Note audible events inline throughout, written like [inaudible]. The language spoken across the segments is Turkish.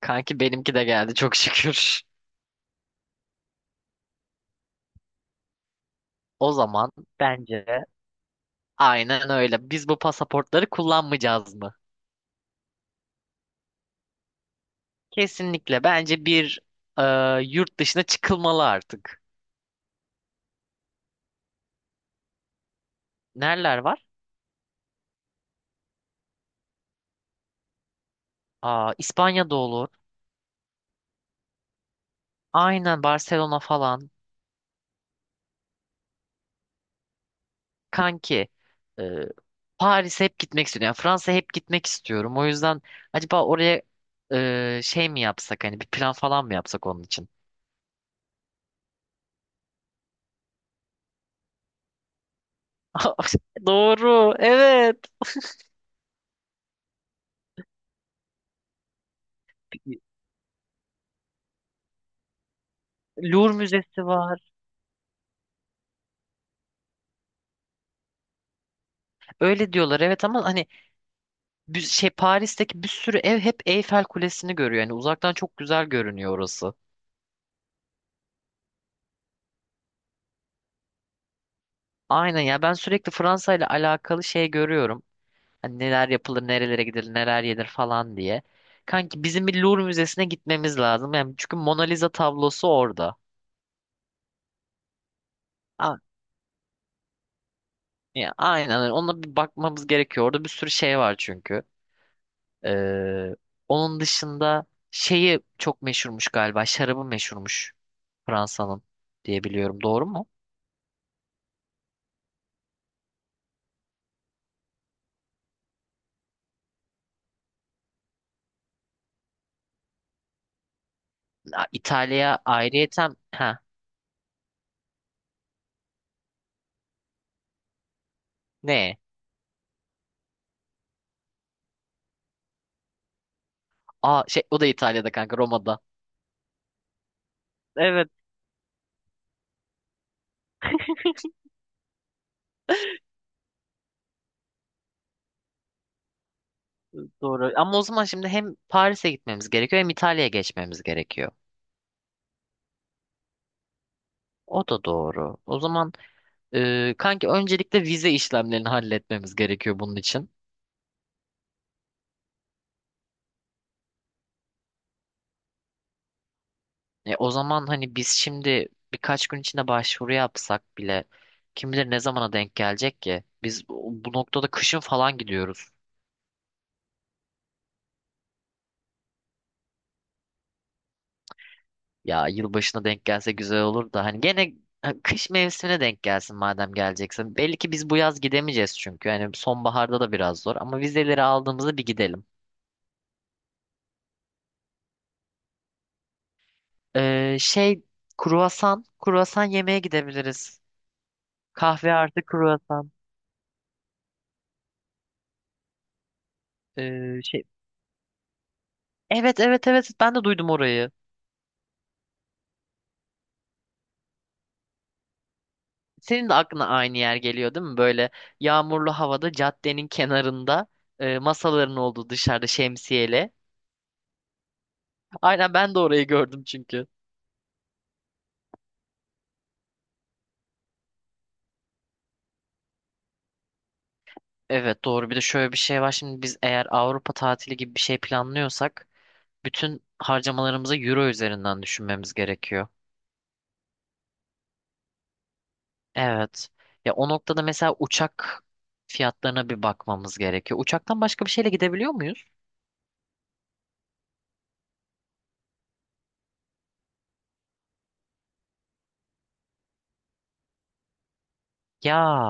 Kanki benimki de geldi çok şükür. O zaman bence aynen öyle. Biz bu pasaportları kullanmayacağız mı? Kesinlikle. Bence bir e, yurt dışına çıkılmalı artık. Nereler var? Aa, İspanya'da olur. Aynen Barcelona falan. Kanki e, Paris'e hep gitmek istiyorum. Yani Fransa'ya hep gitmek istiyorum. O yüzden acaba oraya şey mi yapsak? Hani bir plan falan mı yapsak onun için? [laughs] Doğru. Evet. Louvre Müzesi var. Öyle diyorlar evet ama hani bir şey Paris'teki bir sürü ev hep Eyfel Kulesi'ni görüyor. Yani uzaktan çok güzel görünüyor orası. Aynen ya ben sürekli Fransa ile alakalı şey görüyorum. Hani neler yapılır, nerelere gidilir, neler yenir falan diye. Kanki bizim bir Louvre Müzesi'ne gitmemiz lazım. Yani çünkü Mona Lisa tablosu orada. A- ya aynen öyle. Ona bir bakmamız gerekiyor. Orada bir sürü şey var çünkü. Ee, onun dışında şeyi çok meşhurmuş galiba. Şarabı meşhurmuş Fransa'nın diye biliyorum. Doğru mu? Ya İtalya ayrıyeten ha ne? Aa şey o da İtalya'da kanka Roma'da. Evet doğru. Ama o zaman şimdi hem Paris'e gitmemiz gerekiyor hem İtalya'ya geçmemiz gerekiyor. O da doğru. O zaman kanki öncelikle vize işlemlerini halletmemiz gerekiyor bunun için. O zaman hani biz şimdi birkaç gün içinde başvuru yapsak bile kim bilir ne zamana denk gelecek ki? Biz bu noktada kışın falan gidiyoruz. Ya yılbaşına denk gelse güzel olur da hani gene ha, kış mevsimine denk gelsin madem geleceksin. Belli ki biz bu yaz gidemeyeceğiz çünkü. Yani sonbaharda da biraz zor ama vizeleri aldığımızda bir gidelim. Şey kruvasan, kruvasan yemeye gidebiliriz. Kahve artı kruvasan. Ee, şey Evet evet evet ben de duydum orayı. Senin de aklına aynı yer geliyor değil mi? Böyle yağmurlu havada caddenin kenarında masaların olduğu dışarıda şemsiyeyle. Aynen ben de orayı gördüm çünkü. Evet doğru. Bir de şöyle bir şey var. Şimdi biz eğer Avrupa tatili gibi bir şey planlıyorsak bütün harcamalarımızı euro üzerinden düşünmemiz gerekiyor. Evet. Ya o noktada mesela uçak fiyatlarına bir bakmamız gerekiyor. Uçaktan başka bir şeyle gidebiliyor muyuz? Ya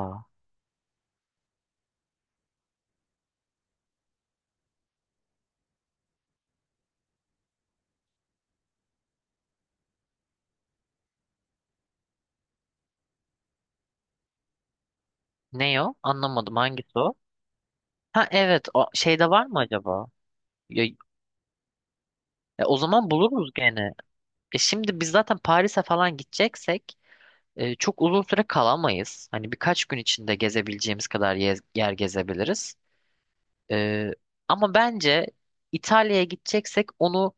ne o? Anlamadım hangisi o? Ha evet o şeyde var mı acaba? Ya, o zaman buluruz gene. E şimdi biz zaten Paris'e falan gideceksek çok uzun süre kalamayız. Hani birkaç gün içinde gezebileceğimiz kadar yer gezebiliriz. Ee, ama bence İtalya'ya gideceksek onu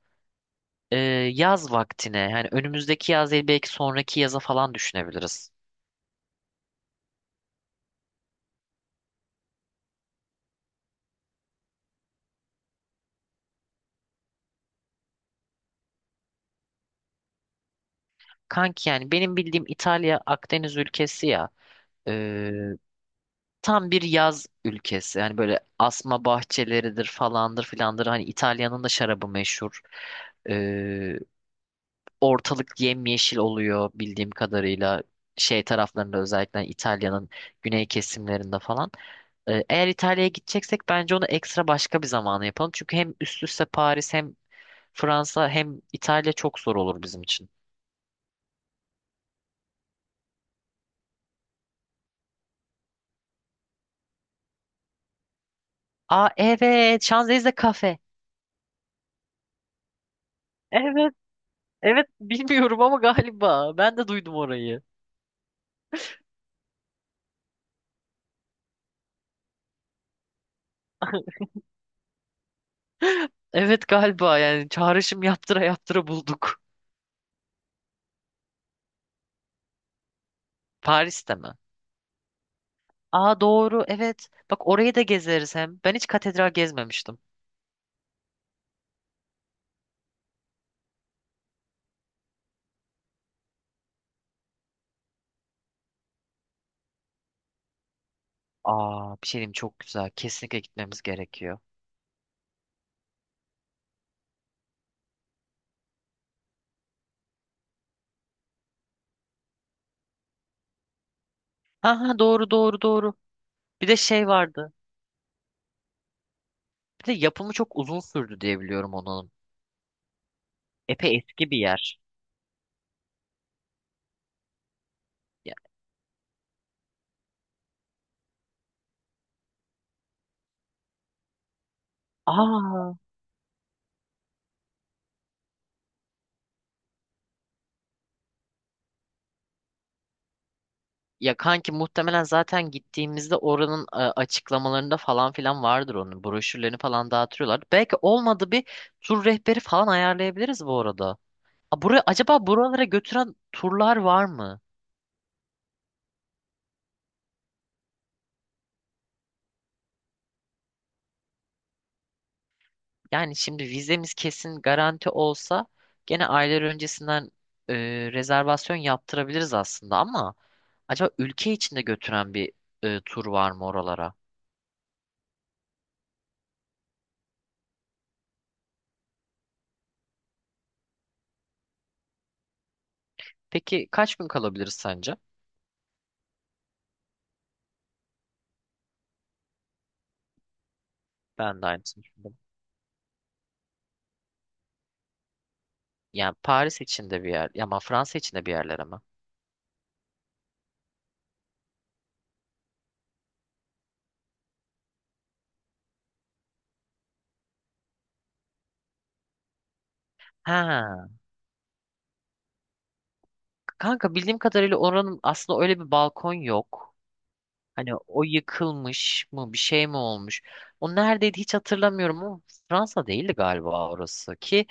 e, yaz vaktine yani önümüzdeki yaz değil belki sonraki yaza falan düşünebiliriz. Kanki yani benim bildiğim İtalya Akdeniz ülkesi ya e, tam bir yaz ülkesi. Yani böyle asma bahçeleridir falandır filandır hani İtalya'nın da şarabı meşhur. Ortalık yemyeşil oluyor bildiğim kadarıyla şey taraflarında özellikle İtalya'nın güney kesimlerinde falan. Eğer İtalya'ya gideceksek bence onu ekstra başka bir zamana yapalım. Çünkü hem üst üste Paris hem Fransa hem İtalya çok zor olur bizim için. Aa evet Şanzelize kafe. Evet evet bilmiyorum ama galiba ben de duydum orayı. [laughs] Evet galiba yani çağrışım yaptıra yaptıra bulduk. Paris'te mi? Aa doğru evet. Bak orayı da gezeriz hem. Ben hiç katedral gezmemiştim. Aa bir şey diyeyim çok güzel. Kesinlikle gitmemiz gerekiyor. Ha ha doğru doğru doğru. Bir de şey vardı. Bir de yapımı çok uzun sürdü diye biliyorum onun. Epey eski bir yer. Ya, aa ya kanki muhtemelen zaten gittiğimizde oranın açıklamalarında falan filan vardır onun. Broşürlerini falan dağıtıyorlar. Belki olmadı bir tur rehberi falan ayarlayabiliriz bu arada. Aa, buraya, acaba buralara götüren turlar var mı? Yani şimdi vizemiz kesin garanti olsa gene aylar öncesinden e, rezervasyon yaptırabiliriz aslında ama acaba ülke içinde götüren bir tur var mı oralara? Peki kaç gün kalabiliriz sence? Ben de aynısını düşündüm. Yani Paris içinde bir yer, ya ama Fransa içinde bir yerlere mi? Ha, kanka bildiğim kadarıyla oranın aslında öyle bir balkon yok. Hani o yıkılmış mı bir şey mi olmuş? O neredeydi hiç hatırlamıyorum ama Fransa değildi galiba orası ki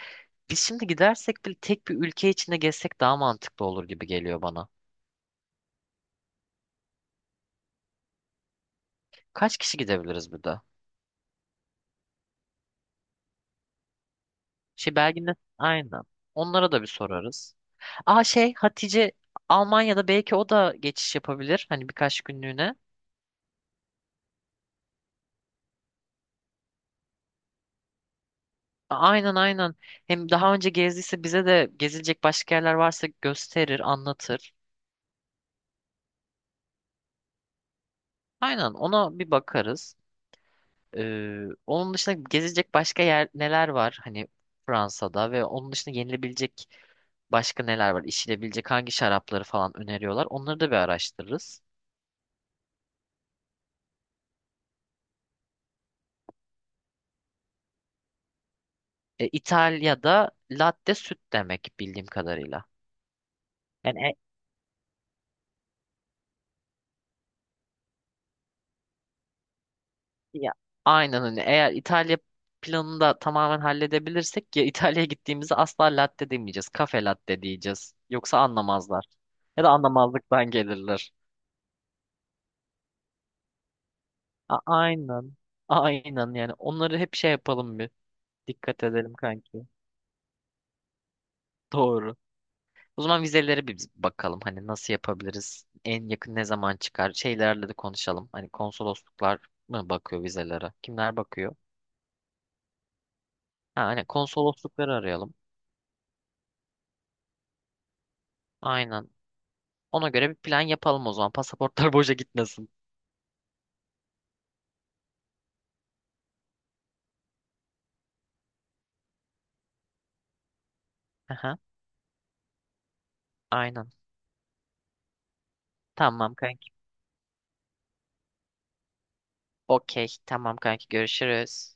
biz şimdi gidersek bile tek bir ülke içinde gezsek daha mantıklı olur gibi geliyor bana. Kaç kişi gidebiliriz bir de? Şey Belgin'le aynen. Onlara da bir sorarız. Aa şey Hatice Almanya'da belki o da geçiş yapabilir. Hani birkaç günlüğüne. Aynen aynen. Hem daha önce gezdiyse bize de gezilecek başka yerler varsa gösterir, anlatır. Aynen ona bir bakarız. Onun dışında gezecek başka yer neler var? Hani Fransa'da ve onun dışında yenilebilecek başka neler var? İçilebilecek hangi şarapları falan öneriyorlar? Onları da bir araştırırız. E, İtalya'da latte süt demek bildiğim kadarıyla. Yani ya, aynen hani eğer İtalya planını da tamamen halledebilirsek ya İtalya'ya gittiğimizde asla latte demeyeceğiz. Kafe latte diyeceğiz. Yoksa anlamazlar. Ya da anlamazlıktan gelirler. Aynen. Aynen yani onları hep şey yapalım bir. Dikkat edelim kanki. Doğru. O zaman vizelere bir biz bakalım. Hani nasıl yapabiliriz? En yakın ne zaman çıkar? Şeylerle de konuşalım. Hani konsolosluklar mı bakıyor vizelere? Kimler bakıyor? Ha, hani konsoloslukları arayalım. Aynen. Ona göre bir plan yapalım o zaman. Pasaportlar [laughs] boşa gitmesin. Aha, aynen. Tamam kanki. Okey. Tamam kanki. Görüşürüz.